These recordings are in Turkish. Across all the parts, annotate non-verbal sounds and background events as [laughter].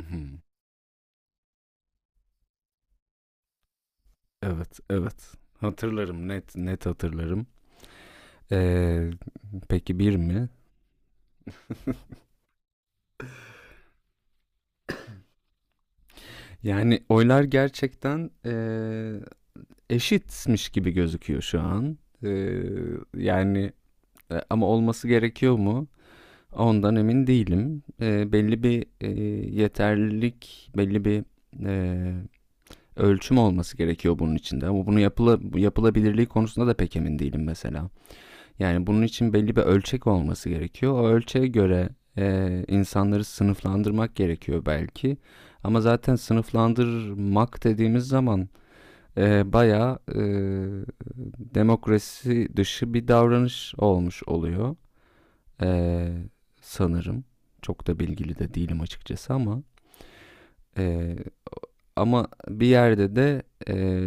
Hı. Evet, evet. Hatırlarım, net net hatırlarım. Ee, peki bir mi? [laughs] Yani oylar gerçekten eşitmiş gibi gözüküyor şu an. Ee, Yani ama olması gerekiyor mu? Ondan emin değilim. Belli bir yeterlilik, belli bir e, ölçüm olması gerekiyor bunun içinde. Ama bunu yapılabilirliği konusunda da pek emin değilim mesela. Yani bunun için belli bir ölçek olması gerekiyor. O ölçeğe göre insanları sınıflandırmak gerekiyor belki. Ama zaten sınıflandırmak dediğimiz zaman bayağı demokrasi dışı bir davranış olmuş oluyor. E, Sanırım. Çok da bilgili de değilim açıkçası ama e, ama bir yerde de e,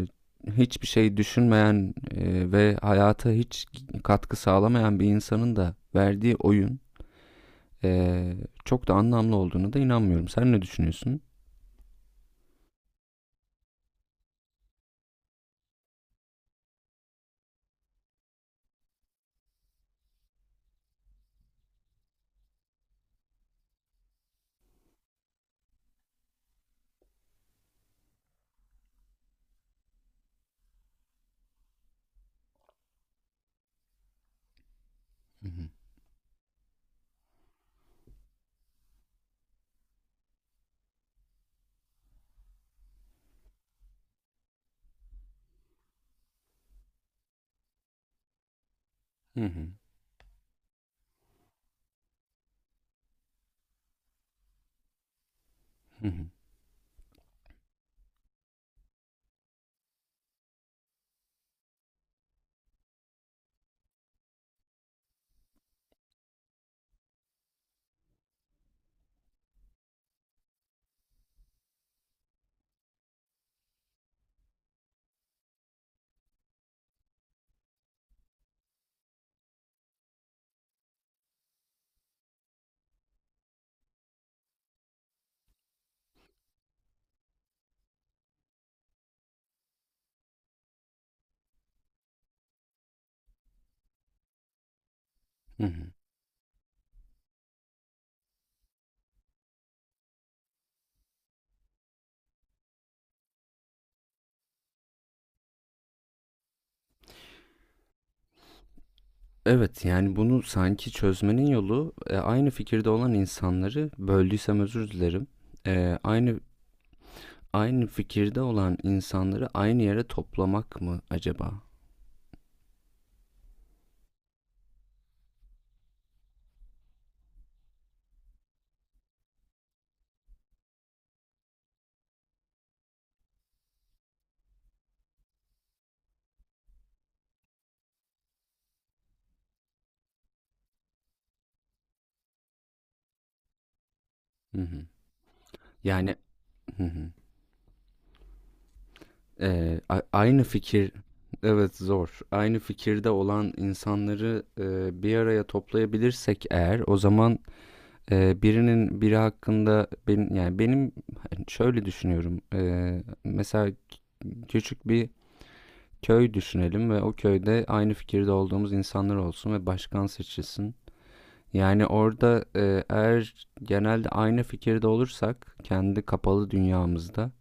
hiçbir şey düşünmeyen ve hayata hiç katkı sağlamayan bir insanın da verdiği oyun e, çok da anlamlı olduğunu da inanmıyorum. Sen ne düşünüyorsun? Hı hı. Hı hı. Hı hı. Evet, yani bunu sanki çözmenin yolu aynı fikirde olan insanları böldüysem özür dilerim. Aynı fikirde olan insanları aynı yere toplamak mı acaba? Hı hı. Yani, hı hı. Aynı fikir, evet zor. Aynı fikirde olan insanları bir araya toplayabilirsek eğer, o zaman birinin biri hakkında benim yani, hani şöyle düşünüyorum. Mesela küçük bir köy düşünelim ve o köyde aynı fikirde olduğumuz insanlar olsun ve başkan seçilsin. Yani orada eğer genelde aynı fikirde olursak kendi kapalı dünyamızda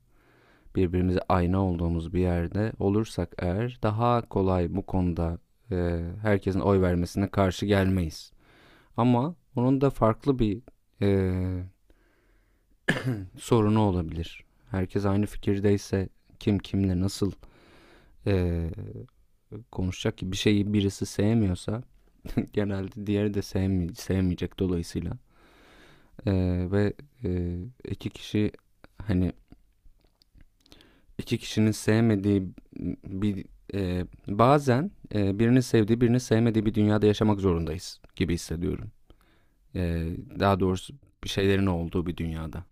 birbirimize ayna olduğumuz bir yerde olursak eğer daha kolay bu konuda e, herkesin oy vermesine karşı gelmeyiz. Ama onun da farklı bir e, sorunu olabilir. Herkes aynı fikirdeyse kim kimle nasıl e, konuşacak ki, bir şeyi birisi sevmiyorsa [laughs] genelde diğeri de sevmeyecek dolayısıyla. E, ve e, iki kişi, hani iki kişinin sevmediği bir bazen birini sevdiği birini sevmediği bir dünyada yaşamak zorundayız gibi hissediyorum. E, Daha doğrusu bir şeylerin olduğu bir dünyada.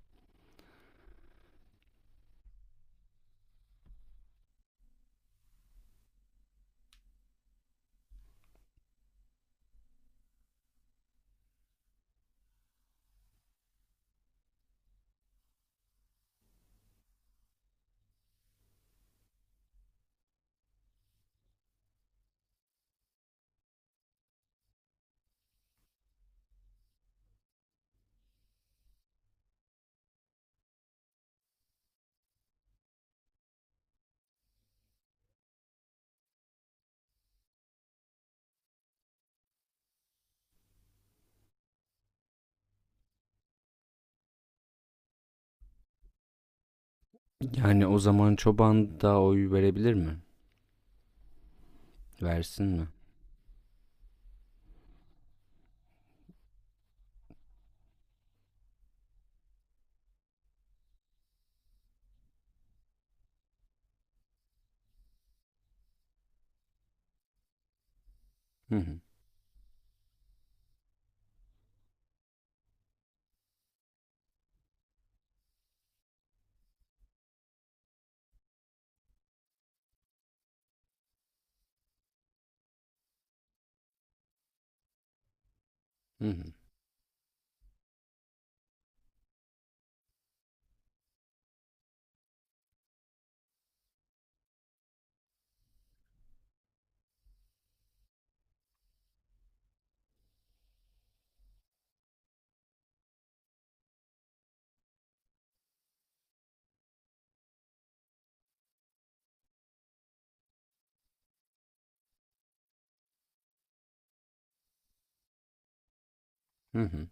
Yani o zaman çoban da oy verebilir mi? Versin mi? Hı hı. Hı hı. Hı hı.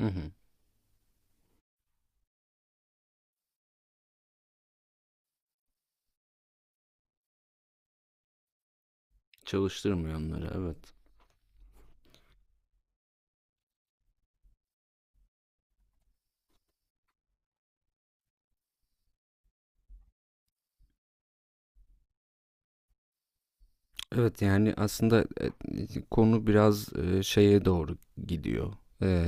Hı hı. Çalıştırmıyor onları, evet. Evet, yani aslında konu biraz şeye doğru gidiyor. E,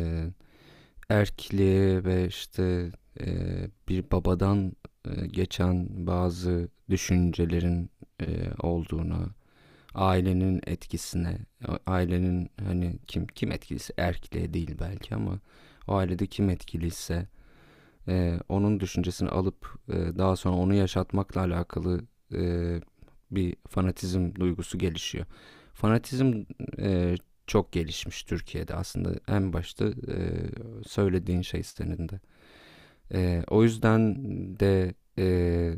Erkliğe ve işte bir babadan geçen bazı düşüncelerin olduğuna, ailenin etkisine, ailenin hani kim etkiliyse erkliğe değil belki ama o ailede kim etkiliyse onun düşüncesini alıp daha sonra onu yaşatmakla alakalı e, bir fanatizm duygusu gelişiyor. Fanatizm e, çok gelişmiş Türkiye'de aslında en başta söylediğin şey senin de. O yüzden de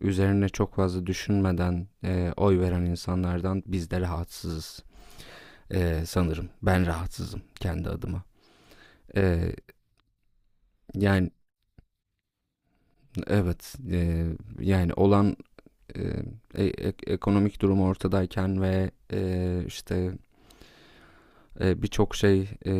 üzerine çok fazla düşünmeden oy veren insanlardan biz de rahatsızız sanırım. Ben rahatsızım kendi adıma. E, Yani evet, yani olan e, ekonomik durumu ortadayken ve işte birçok şey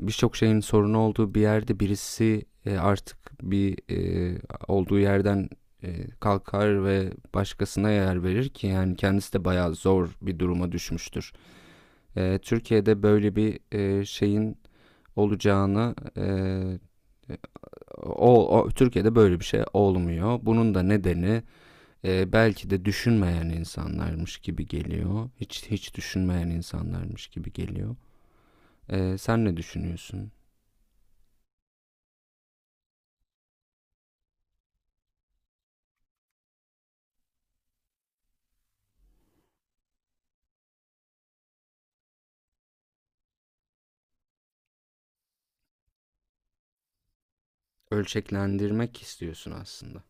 birçok şeyin sorunu olduğu bir yerde birisi artık bir olduğu yerden kalkar ve başkasına yer verir ki yani kendisi de bayağı zor bir duruma düşmüştür. Türkiye'de böyle bir şeyin olacağını Türkiye'de böyle bir şey olmuyor. Bunun da nedeni belki de düşünmeyen insanlarmış gibi geliyor. Hiç düşünmeyen insanlarmış gibi geliyor. Sen ne düşünüyorsun? Ölçeklendirmek istiyorsun aslında.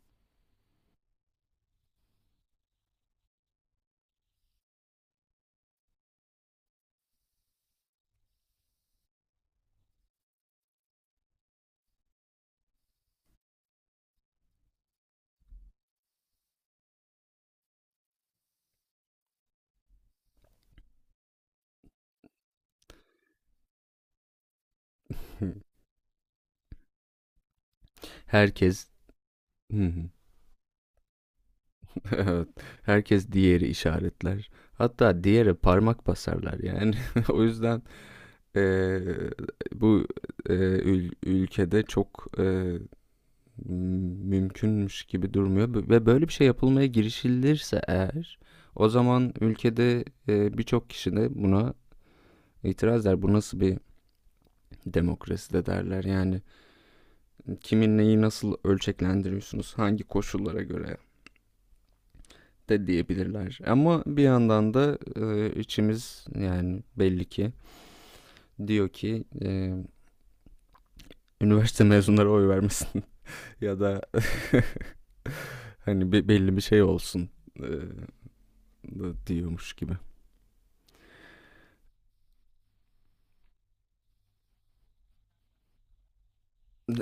[laughs] Herkes [laughs] Evet, herkes diğeri işaretler. Hatta diğere parmak basarlar yani. [laughs] O yüzden e, bu e, ülkede çok mümkünmüş gibi durmuyor ve böyle bir şey yapılmaya girişilirse eğer o zaman ülkede, birçok kişi de buna itiraz eder. Bu nasıl bir demokrasi de derler. Yani, kimin neyi nasıl ölçeklendiriyorsunuz, hangi koşullara göre de diyebilirler. Ama bir yandan da, içimiz yani belli ki diyor ki, üniversite mezunları oy vermesin [laughs] ya da [laughs] hani belli bir şey olsun, eee, diyormuş gibi.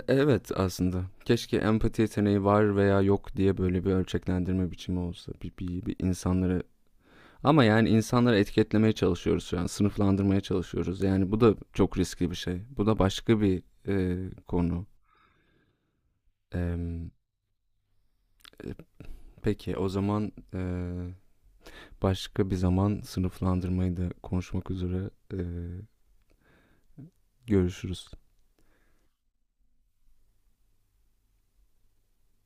Evet aslında. Keşke empati yeteneği var veya yok diye böyle bir ölçeklendirme biçimi olsa. Bir insanları, ama yani insanları etiketlemeye çalışıyoruz şu an. Sınıflandırmaya çalışıyoruz. Yani bu da çok riskli bir şey. Bu da başka bir konu. Em, e, peki o zaman başka bir zaman sınıflandırmayı da konuşmak üzere görüşürüz.